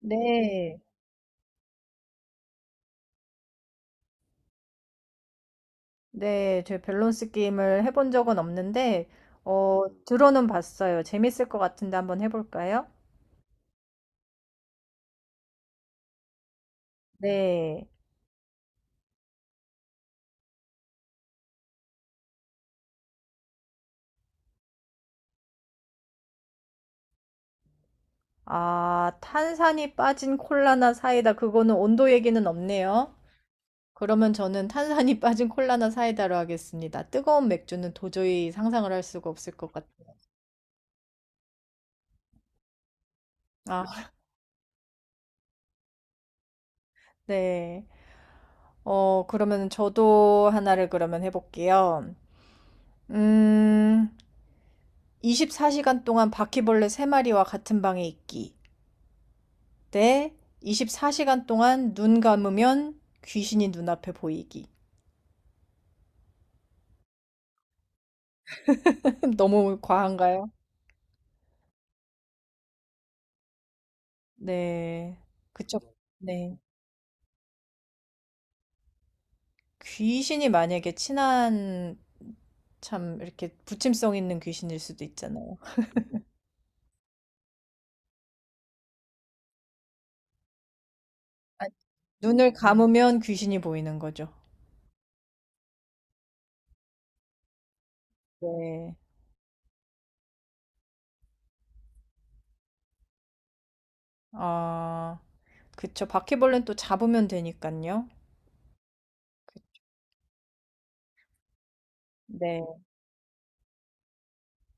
네. 네, 저 밸런스 게임을 해본 적은 없는데, 들어는 봤어요. 재밌을 것 같은데 한번 해볼까요? 네. 아, 탄산이 빠진 콜라나 사이다. 그거는 온도 얘기는 없네요. 그러면 저는 탄산이 빠진 콜라나 사이다로 하겠습니다. 뜨거운 맥주는 도저히 상상을 할 수가 없을 것 같아요. 아, 네. 그러면 저도 하나를 그러면 해볼게요. 음, 24시간 동안 바퀴벌레 3마리와 같은 방에 있기. 때 24시간 동안 눈 감으면 귀신이 눈앞에 보이기. 너무 과한가요? 네. 그쵸. 네. 귀신이 만약에 친한 참 이렇게 부침성 있는 귀신일 수도 있잖아요. 아, 눈을 감으면 귀신이 보이는 거죠. 네. 아, 그쵸. 바퀴벌레는 또 잡으면 되니까요. 네.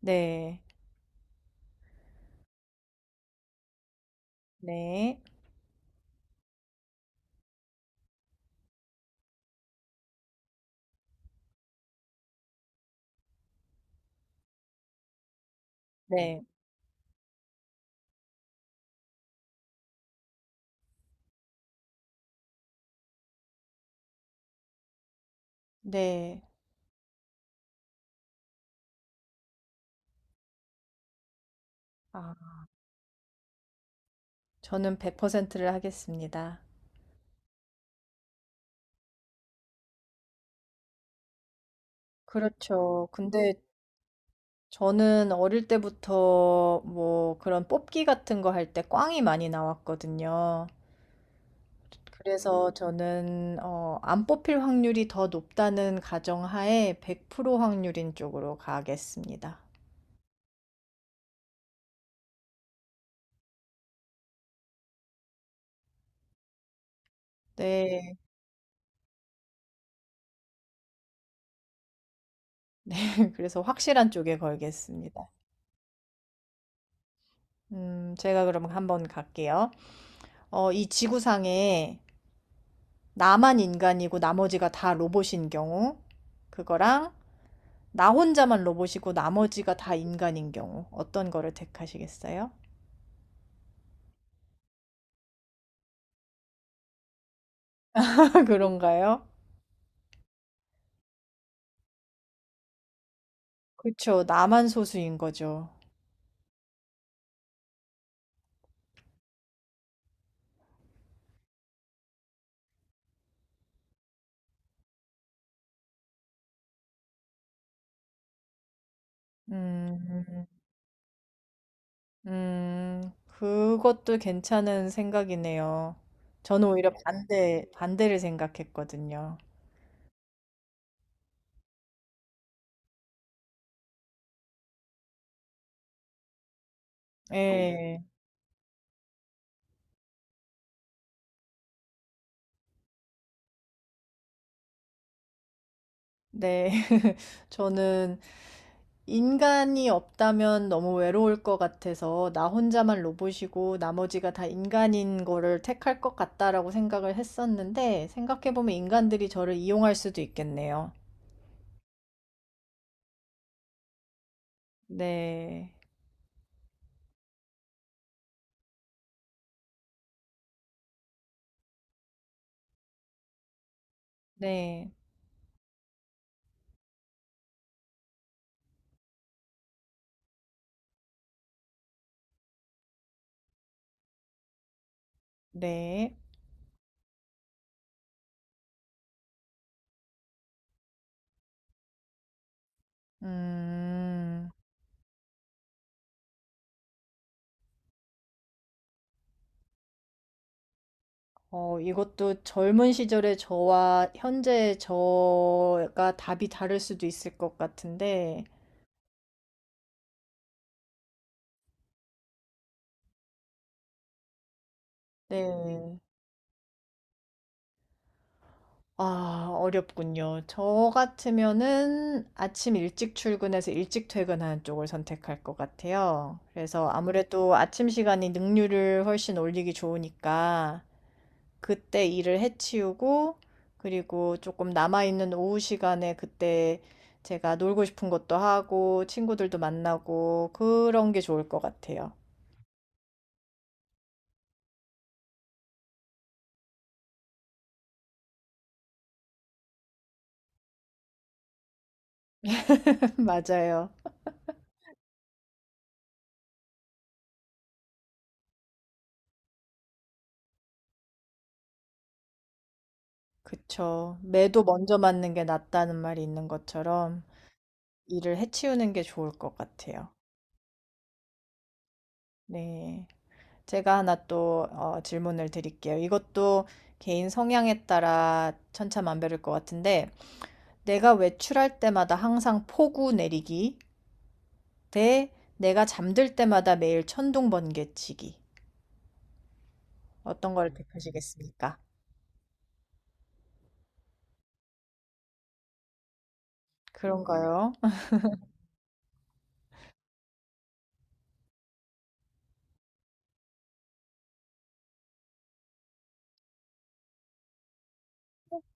네. 네. 네. 네. 아, 저는 100%를 하겠습니다. 그렇죠. 근데 저는 어릴 때부터 뭐 그런 뽑기 같은 거 할 때 꽝이 많이 나왔거든요. 그래서 저는 안 뽑힐 확률이 더 높다는 가정하에 100% 확률인 쪽으로 가겠습니다. 네. 그래서 확실한 쪽에 걸겠습니다. 제가 그럼 한번 갈게요. 이 지구상에 나만 인간이고 나머지가 다 로봇인 경우, 그거랑 나 혼자만 로봇이고 나머지가 다 인간인 경우 어떤 거를 택하시겠어요? 그런가요? 그쵸. 나만 소수인 거죠. 음, 음, 그것도 괜찮은 생각이네요. 저는 오히려 반대를 생각했거든요. 예, 네. 저는 인간이 없다면 너무 외로울 것 같아서 나 혼자만 로봇이고 나머지가 다 인간인 거를 택할 것 같다라고 생각을 했었는데 생각해보면 인간들이 저를 이용할 수도 있겠네요. 네, 네, 네. 음, 이것도 젊은 시절의 저와 현재의 저가 답이 다를 수도 있을 것 같은데, 네. 아, 어렵군요. 저 같으면은 아침 일찍 출근해서 일찍 퇴근하는 쪽을 선택할 것 같아요. 그래서 아무래도 아침 시간이 능률을 훨씬 올리기 좋으니까 그때 일을 해치우고 그리고 조금 남아있는 오후 시간에 그때 제가 놀고 싶은 것도 하고 친구들도 만나고 그런 게 좋을 것 같아요. 맞아요. 그쵸. 매도 먼저 맞는 게 낫다는 말이 있는 것처럼. 일을 해치우는 게 좋을 것 같아요. 네. 제가 하나 또 질문을 드릴게요. 이것도 개인 성향에 따라 천차만별일 것 같은데, 내가 외출할 때마다 항상 폭우 내리기 대 내가 잠들 때마다 매일 천둥 번개 치기. 어떤 걸 택하시겠습니까? 그런가요?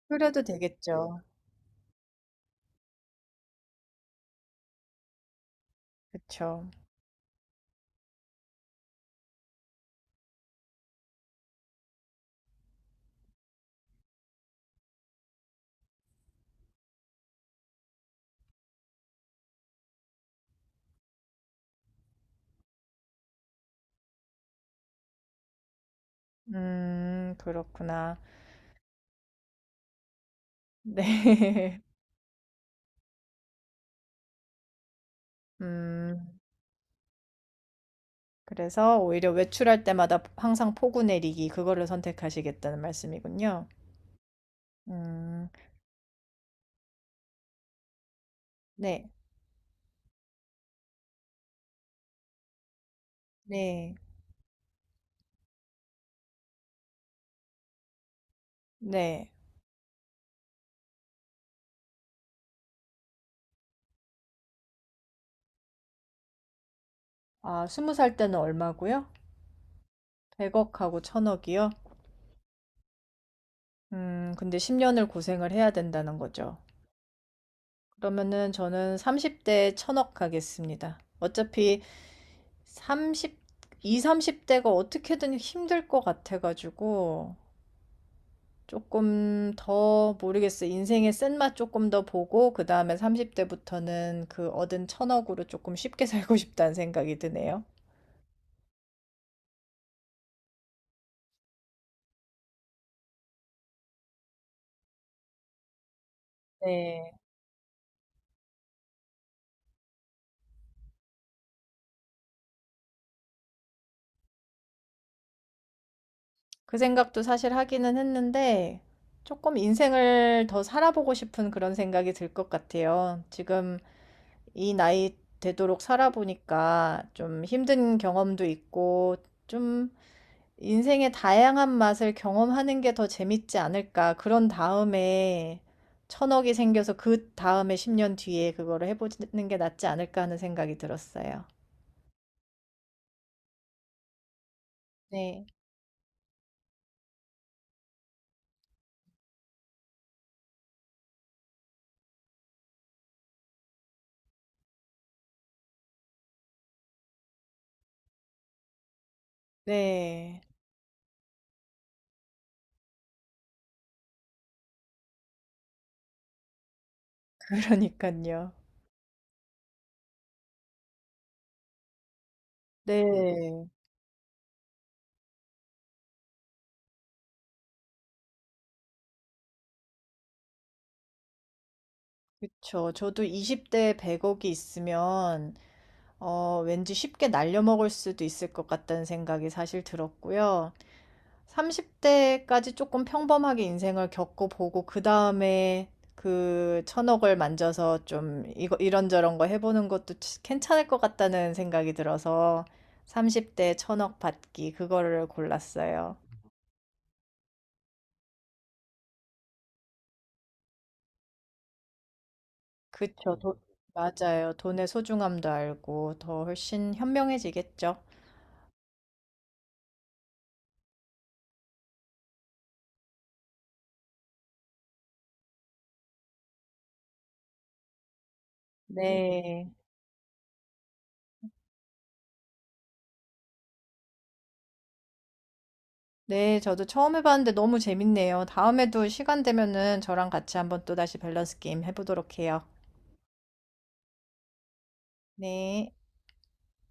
그래도 되겠죠. 그쵸. 그렇구나. 네. 음. 그래서 오히려 외출할 때마다 항상 포구 내리기 그거를 선택하시겠다는 말씀이군요. 음. 네. 네. 네. 아, 20살 때는 얼마고요? 100억 하고 1,000억 이요? 근데 10 년을 고생을 해야 된다는 거죠. 그러면은 저는 30 대에 1,000억 하겠습니다. 어차피 삼십 20-30 대가 어떻게든 힘들 것 같아 가지고 조금 더 모르겠어. 요 인생의 쓴맛 조금 더 보고 그 다음에 30대부터는 그 얻은 1,000억으로 조금 쉽게 살고 싶다는 생각이 드네요. 네. 그 생각도 사실 하기는 했는데 조금 인생을 더 살아보고 싶은 그런 생각이 들 것 같아요. 지금 이 나이 되도록 살아보니까 좀 힘든 경험도 있고 좀 인생의 다양한 맛을 경험하는 게 더 재밌지 않을까. 그런 다음에 1,000억이 생겨서 그 다음에 10년 뒤에 그거를 해보는 게 낫지 않을까 하는 생각이 들었어요. 네. 네. 그러니까요. 네. 그쵸. 저도 20대에 100억이 있으면, 왠지 쉽게 날려먹을 수도 있을 것 같다는 생각이 사실 들었고요. 30대까지 조금 평범하게 인생을 겪어보고 그 다음에 그 1,000억을 만져서 좀 이거 이런저런 거 해보는 것도 괜찮을 것 같다는 생각이 들어서 30대 1,000억 받기 그거를 골랐어요. 그쵸, 돈- 맞아요. 돈의 소중함도 알고 더 훨씬 현명해지겠죠. 네. 네, 저도 처음 해봤는데 너무 재밌네요. 다음에도 시간 되면은 저랑 같이 한번 또 다시 밸런스 게임 해보도록 해요. 네.